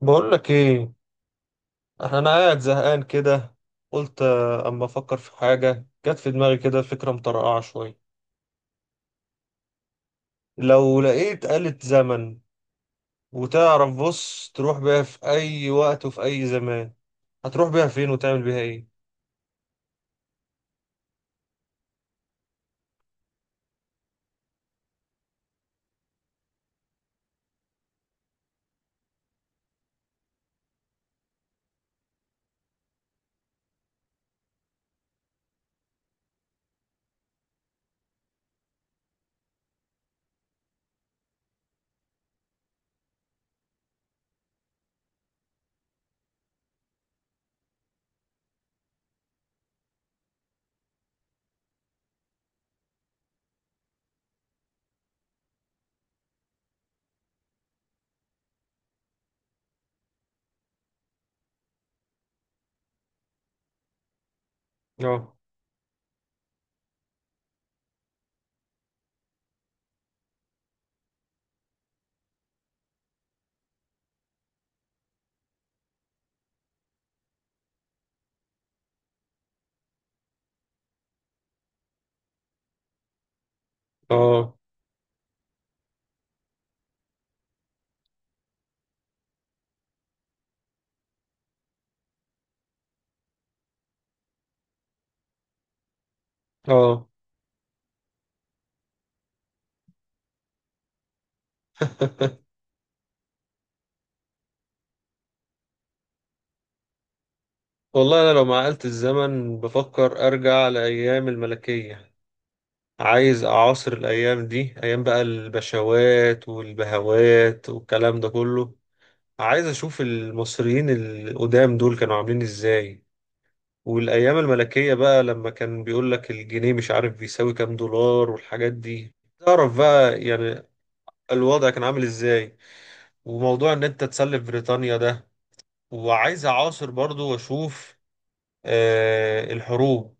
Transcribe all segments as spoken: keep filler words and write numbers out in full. بقول لك ايه؟ احنا انا قاعد زهقان كده. قلت آه، اما افكر في حاجه، جت في دماغي كده فكره مطرقعه شويه. لو لقيت آلة زمن، وتعرف، بص، تروح بيها في اي وقت وفي اي زمان، هتروح بيها فين وتعمل بيها ايه؟ اه، اه، اه. والله انا لو مع آلة الزمن بفكر ارجع لايام الملكيه. عايز اعاصر الايام دي، ايام بقى البشوات والبهوات والكلام ده كله. عايز اشوف المصريين القدام دول كانوا عاملين ازاي. والايام الملكية بقى، لما كان بيقول لك الجنيه مش عارف بيساوي كام دولار والحاجات دي، تعرف بقى يعني الوضع كان عامل ازاي. وموضوع ان انت تسلف بريطانيا ده. وعايز اعاصر برضو واشوف آه الحروب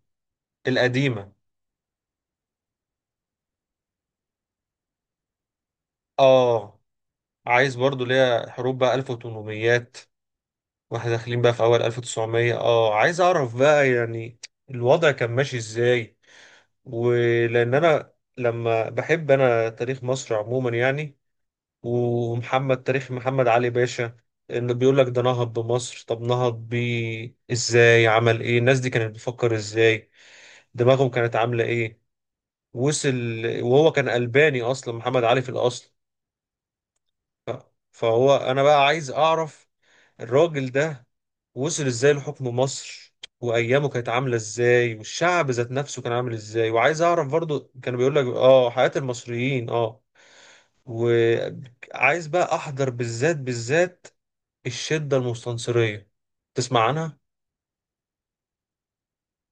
القديمة. اه، عايز برضو ليها حروب بقى ألف وتمنمية، واحنا داخلين بقى في اول ألف وتسعمية. اه عايز اعرف بقى يعني الوضع كان ماشي ازاي، ولان انا لما بحب انا تاريخ مصر عموما يعني. ومحمد تاريخ محمد علي باشا، انه بيقول لك ده نهض بمصر. طب نهض بيه ازاي؟ عمل ايه؟ الناس دي كانت بتفكر ازاي؟ دماغهم كانت عامله ايه؟ وصل وهو كان ألباني اصلا، محمد علي في الاصل. فهو انا بقى عايز اعرف الراجل ده وصل ازاي لحكم مصر، وايامه كانت عامله ازاي، والشعب ذات نفسه كان عامل ازاي. وعايز اعرف برضو كانوا بيقول لك اه حياة المصريين، اه. وعايز بقى احضر، بالذات بالذات، الشدة المستنصرية. تسمع عنها؟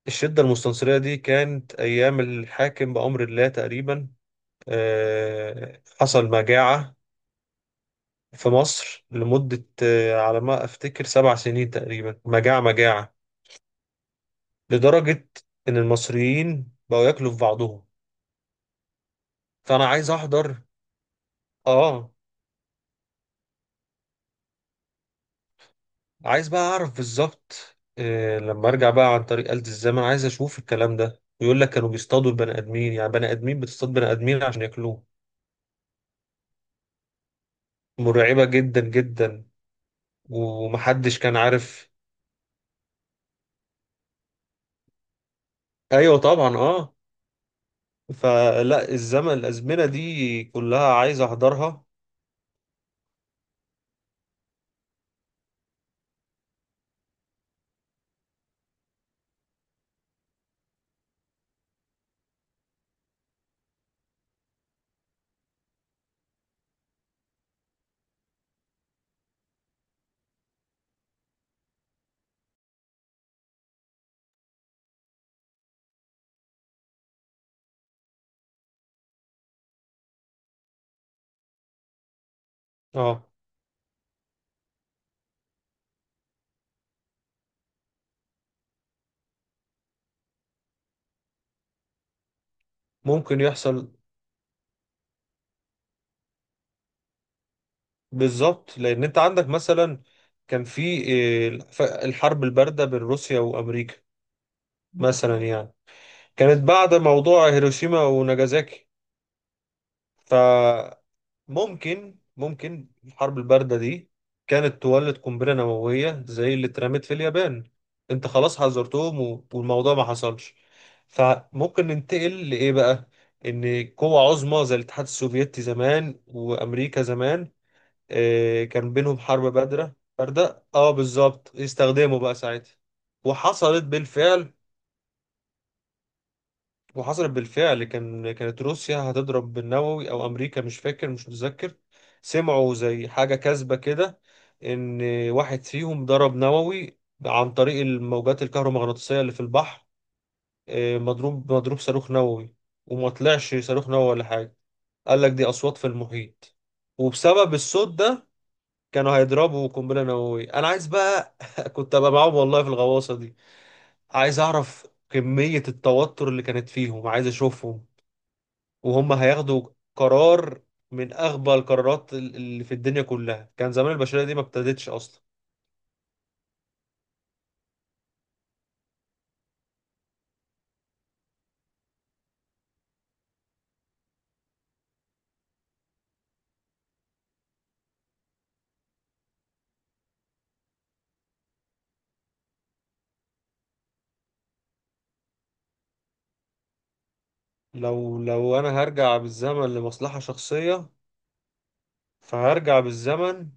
الشدة المستنصرية دي كانت ايام الحاكم بأمر الله تقريبا. آه، حصل مجاعة في مصر لمدة، آه، على ما افتكر، سبع سنين تقريبا. مجاعة مجاعة، لدرجة ان المصريين بقوا ياكلوا في بعضهم. فانا عايز احضر. اه. عايز بقى اعرف بالظبط إيه، لما ارجع بقى عن طريق آلة الزمن عايز اشوف الكلام ده. ويقول لك كانوا بيصطادوا البني ادمين، يعني بني ادمين بتصطاد بني ادمين عشان ياكلوه. مرعبة جدا جدا، ومحدش كان عارف. ايوه طبعا، اه. فلا، الزمن الازمنة دي كلها عايز احضرها. اه، ممكن يحصل. بالظبط، لان انت عندك مثلا كان في إيه، الف- الحرب الباردة بين روسيا وامريكا مثلا يعني، كانت بعد موضوع هيروشيما وناجازاكي. فممكن ممكن الحرب الباردة دي كانت تولد قنبلة نووية زي اللي اترمت في اليابان. انت خلاص حذرتهم و- والموضوع ما حصلش. فممكن ننتقل لإيه بقى؟ إن قوة عظمى زي الاتحاد السوفيتي زمان وأمريكا زمان، آه، كان بينهم حرب بادرة باردة، اه بالظبط، يستخدموا بقى ساعتها. وحصلت بالفعل وحصلت بالفعل كان كانت روسيا هتضرب بالنووي او امريكا، مش فاكر، مش متذكر. سمعوا زي حاجه كاذبه كده، ان واحد فيهم ضرب نووي عن طريق الموجات الكهرومغناطيسيه اللي في البحر. آه، مضروب مضروب صاروخ نووي، وما طلعش صاروخ نووي ولا حاجه. قال لك دي اصوات في المحيط، وبسبب الصوت ده كانوا هيضربوا قنبله نوويه. انا عايز بقى كنت ابقى معاهم والله في الغواصه دي. عايز اعرف كميه التوتر اللي كانت فيهم، عايز اشوفهم وهم هياخدوا قرار، من اغبى القرارات ال- اللي في الدنيا كلها. كان زمان البشرية دي ما ابتدتش اصلا. لو لو انا هرجع بالزمن لمصلحة شخصية، فهرجع بالزمن،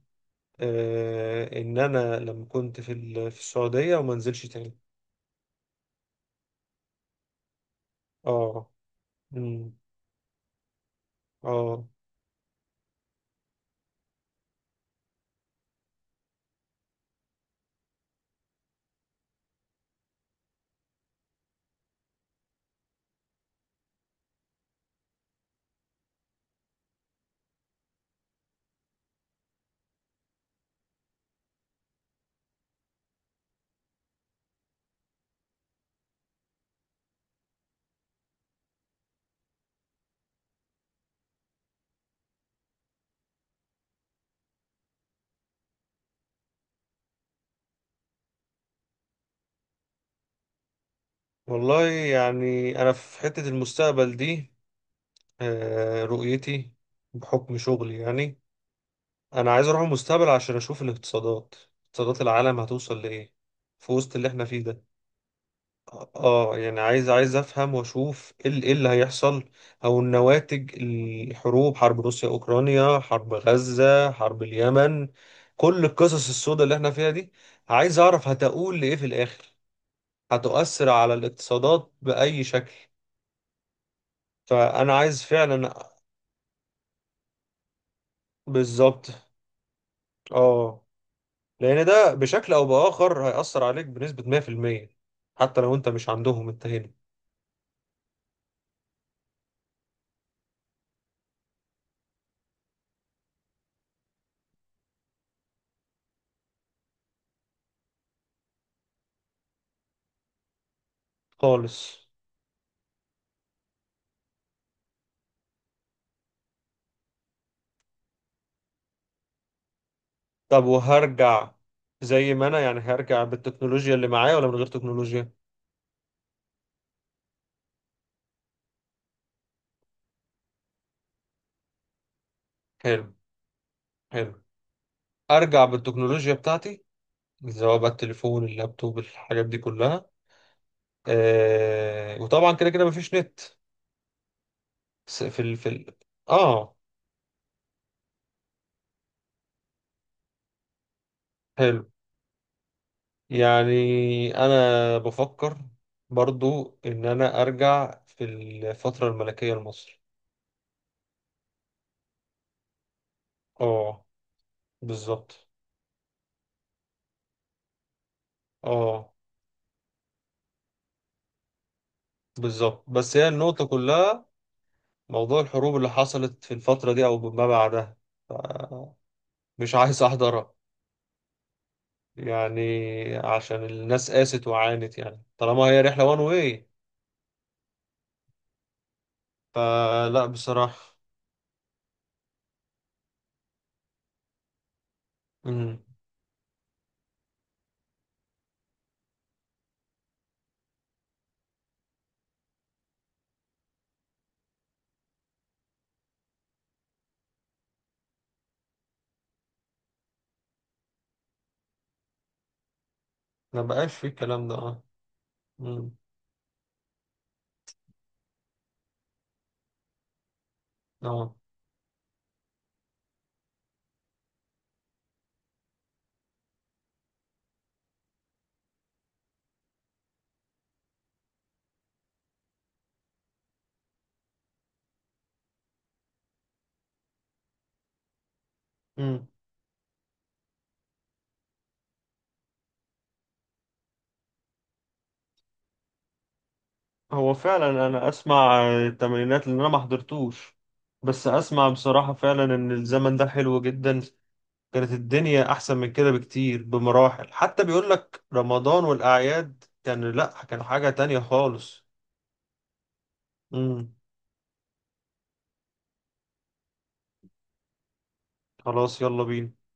آه ان انا لما كنت في ال- في السعودية وما انزلش تاني. اه. أمم، اه. والله يعني انا في حتة المستقبل دي، آه رؤيتي بحكم شغلي يعني، انا عايز اروح المستقبل عشان اشوف الاقتصادات اقتصادات العالم هتوصل لايه في وسط اللي احنا فيه ده. اه يعني عايز عايز افهم واشوف ايه ال- إيه اللي هيحصل او النواتج. الحروب، حرب روسيا اوكرانيا، حرب غزة، حرب اليمن، كل القصص السوداء اللي احنا فيها دي، عايز اعرف هتقول لايه في الاخر، هتؤثر على الاقتصادات باي شكل. فانا عايز فعلا. بالظبط. اه، لان ده بشكل او باخر هيأثر عليك بنسبة مية في المية. حتى لو انت مش عندهم انت هنا. خالص. طب، وهرجع زي ما انا يعني، هرجع بالتكنولوجيا اللي معايا ولا من غير تكنولوجيا؟ حلو، حلو. ارجع بالتكنولوجيا بتاعتي، سواء بقى التليفون، اللابتوب، الحاجات دي كلها. آه، وطبعا كده كده مفيش نت. بس في ال في ال اه حلو. يعني انا بفكر برضو ان انا ارجع في الفترة الملكية لمصر. اه، بالظبط. اه، بالظبط. بس هي النقطة كلها موضوع الحروب اللي حصلت في الفترة دي أو ما بعدها، ف- مش عايز أحضرها يعني، عشان الناس قاست وعانت يعني، طالما هي رحلة وان واي. فلا، بصراحة. مم. ما بقاش في الكلام ده، اه. مم. اه. مم. هو فعلا أنا أسمع التمرينات اللي أنا ما حضرتوش، بس أسمع بصراحة فعلا إن الزمن ده حلو جدا، كانت الدنيا احسن من كده بكتير بمراحل. حتى بيقول لك رمضان والاعياد كان، لا، كان حاجة تانية خالص. امم. خلاص، يلا بينا.